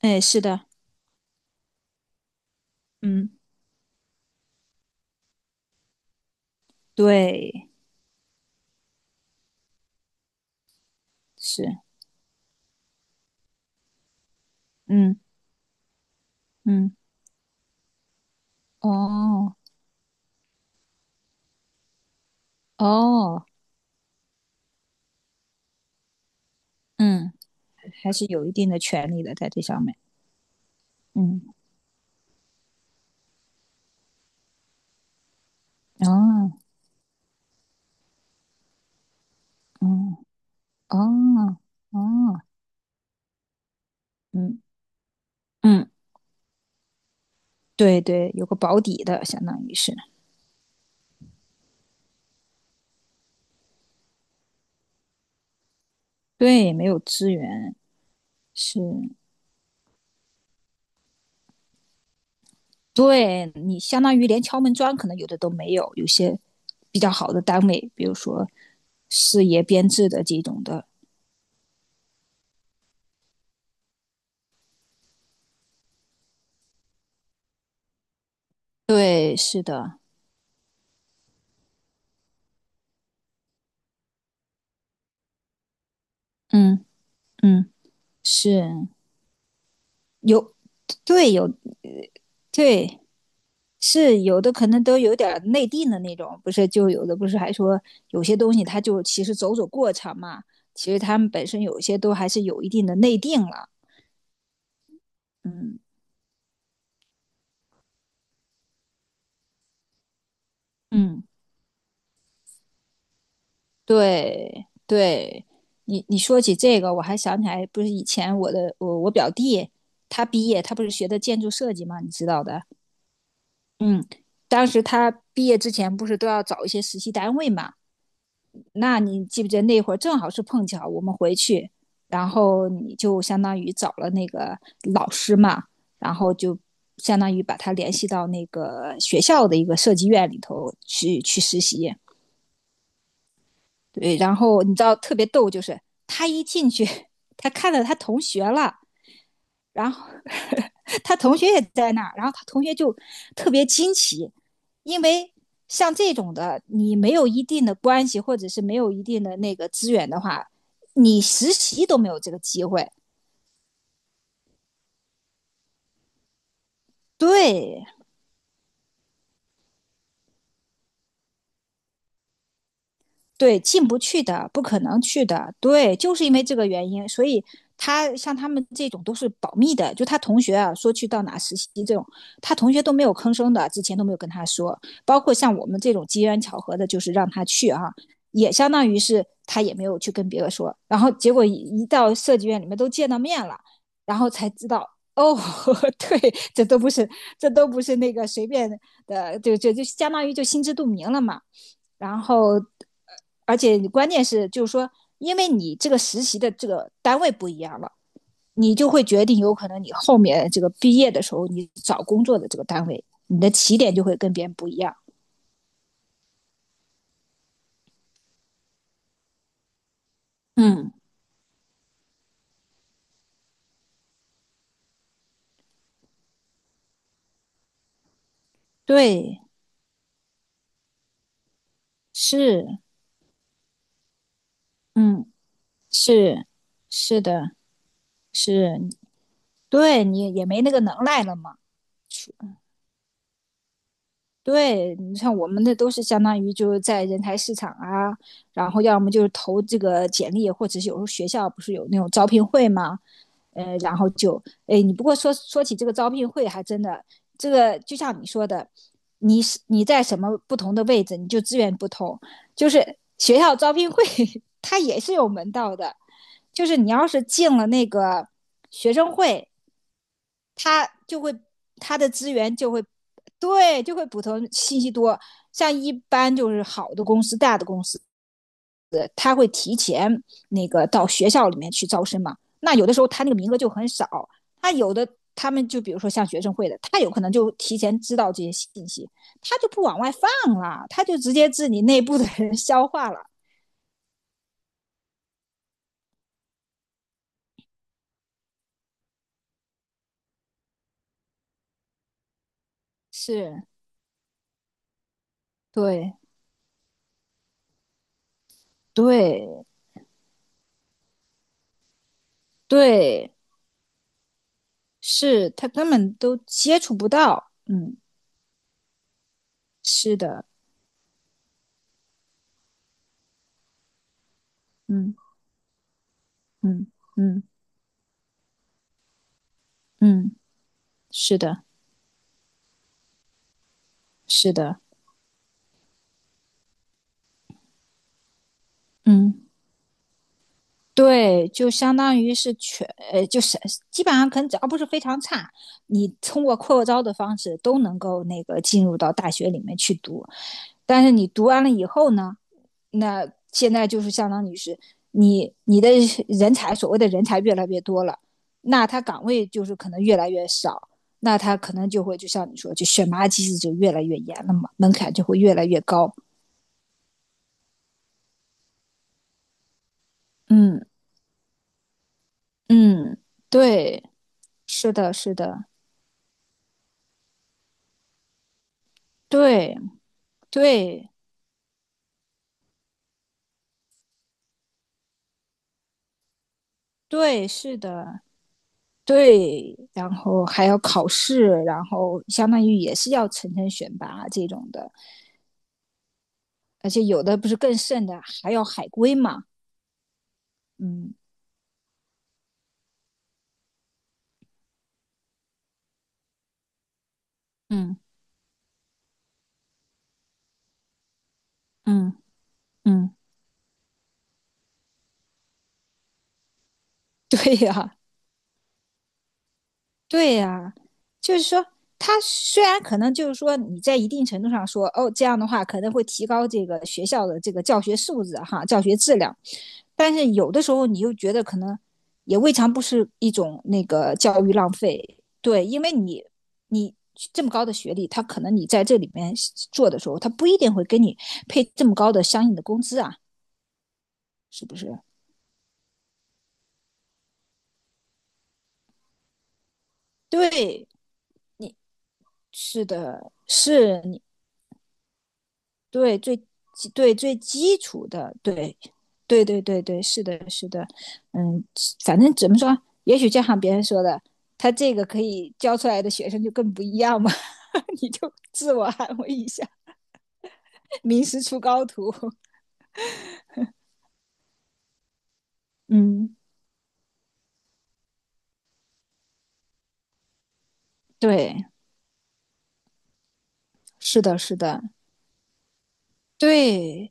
哎，是的。嗯。对。是。嗯嗯。哦。哦。嗯，还是有一定的权利的在这上面。嗯。哦。嗯。哦。哦。嗯嗯。对对，有个保底的，相当于是。对，没有资源。是。对，你相当于连敲门砖可能有的都没有，有些比较好的单位，比如说事业编制的这种的。对，是的。嗯嗯。是有。对，有。对，是有的，可能都有点内定的那种，不是就有的不是还说有些东西它就其实走走过场嘛，其实他们本身有些都还是有一定的内定了。嗯嗯。对对，你说起这个，我还想起来，不是以前我的我我表弟他毕业，他不是学的建筑设计嘛，你知道的。嗯，当时他毕业之前不是都要找一些实习单位嘛，那你记不记得那会儿正好是碰巧我们回去，然后你就相当于找了那个老师嘛，然后就相当于把他联系到那个学校的一个设计院里头去实习。对，然后你知道特别逗，就是他一进去，他看到他同学了，然后 他同学也在那儿，然后他同学就特别惊奇，因为像这种的，你没有一定的关系或者是没有一定的那个资源的话，你实习都没有这个机会。对，对，进不去的，不可能去的，对，就是因为这个原因，所以他像他们这种都是保密的，就他同学啊，说去到哪实习这种，他同学都没有吭声的，之前都没有跟他说，包括像我们这种机缘巧合的，就是让他去啊，也相当于是他也没有去跟别人说，然后结果一到设计院里面都见到面了，然后才知道。哦，对，这都不是，这都不是那个随便的，就相当于就心知肚明了嘛。然后而且关键是就是说，因为你这个实习的这个单位不一样了，你就会决定有可能你后面这个毕业的时候，你找工作的这个单位，你的起点就会跟别人不一样。嗯。对。是。嗯。是。是的。是。对你也没那个能耐了嘛。对你像我们的都是相当于就是在人才市场啊，然后要么就是投这个简历，或者是有时候学校不是有那种招聘会嘛。然后就，哎，你不过说说起这个招聘会，还真的，这个就像你说的，你是你在什么不同的位置，你就资源不同。就是学校招聘会，它也是有门道的，就是你要是进了那个学生会，它就会它的资源就会，对，就会补充信息多。像一般就是好的公司、大的公司，那个到学校里面去招生嘛。那有的时候他那个名额就很少，他有的他们就比如说像学生会的，他有可能就提前知道这些信息，他就不往外放了，他就直接自己内部的人消化了。是。对。对。对，是他根本都接触不到。嗯。是的。嗯嗯嗯嗯。是的。是的。嗯。对，就相当于是全，就是基本上可能只要不是非常差，你通过扩招的方式都能够那个进入到大学里面去读。但是你读完了以后呢，那现在就是相当于是你你的人才，所谓的人才越来越多了，那他岗位就是可能越来越少，那他可能就会就像你说，就选拔机制就越来越严了嘛，门槛就会越来越高。嗯嗯。对，是的。是的。对对。对，是的。对，然后还要考试，然后相当于也是要层层选拔这种的，而且有的不是更甚的，还要海归嘛。嗯嗯嗯嗯。对呀，对呀，就是说，他虽然可能就是说你在一定程度上说，哦，这样的话可能会提高这个学校的这个教学素质哈，教学质量，但是有的时候你又觉得可能也未尝不是一种那个教育浪费，对，因为你你这么高的学历，他可能你在这里面做的时候，他不一定会给你配这么高的相应的工资啊，是不是？对，是的，是你对最基对最基础的，对，对对对对，是的，是的。嗯，反正怎么说，也许就像别人说的，他这个可以教出来的学生就更不一样嘛。你就自我安慰一下，名师出高徒。嗯。对，是的。是的。对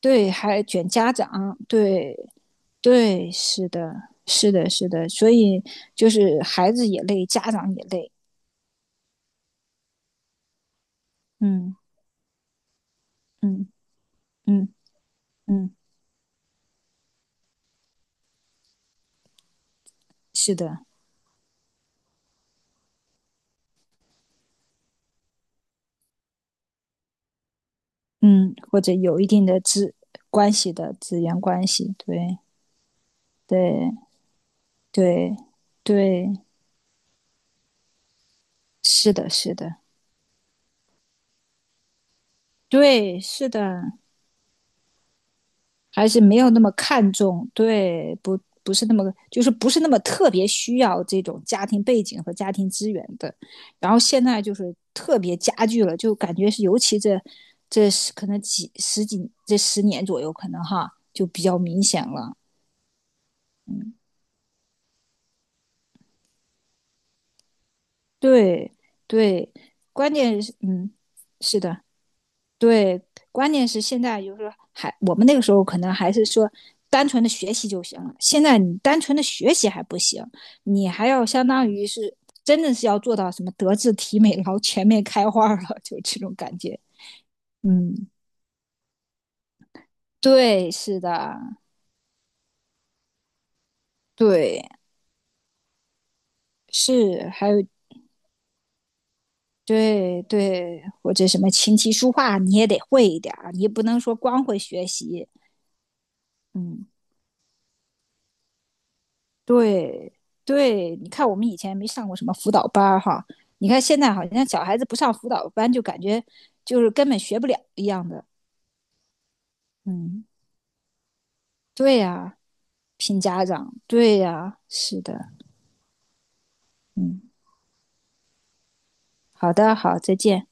对，还卷家长，对对，是的，是的，是的，所以就是孩子也累，家长也累。嗯嗯嗯嗯，是的。嗯，或者有一定的关系的资源关系，对对对对，是的，是的，对，是的，还是没有那么看重，对，不是那么，就是不是那么特别需要这种家庭背景和家庭资源的。然后现在就是特别加剧了，就感觉是尤其这这可能几十几这十年左右，可能哈就比较明显了。对对，关键是嗯，是的，对，关键是现在就是说还我们那个时候可能还是说单纯的学习就行了，现在你单纯的学习还不行，你还要相当于是真的是要做到什么德智体美劳全面开花了，就这种感觉。嗯。对。是的。对。是。还有。对对，或者什么琴棋书画你也得会一点儿，你也不能说光会学习。嗯。对对，你看我们以前没上过什么辅导班儿哈，你看现在好像小孩子不上辅导班，就感觉就是根本学不了一样的。嗯。对呀，拼家长，对呀，是的。嗯，好的，好，再见。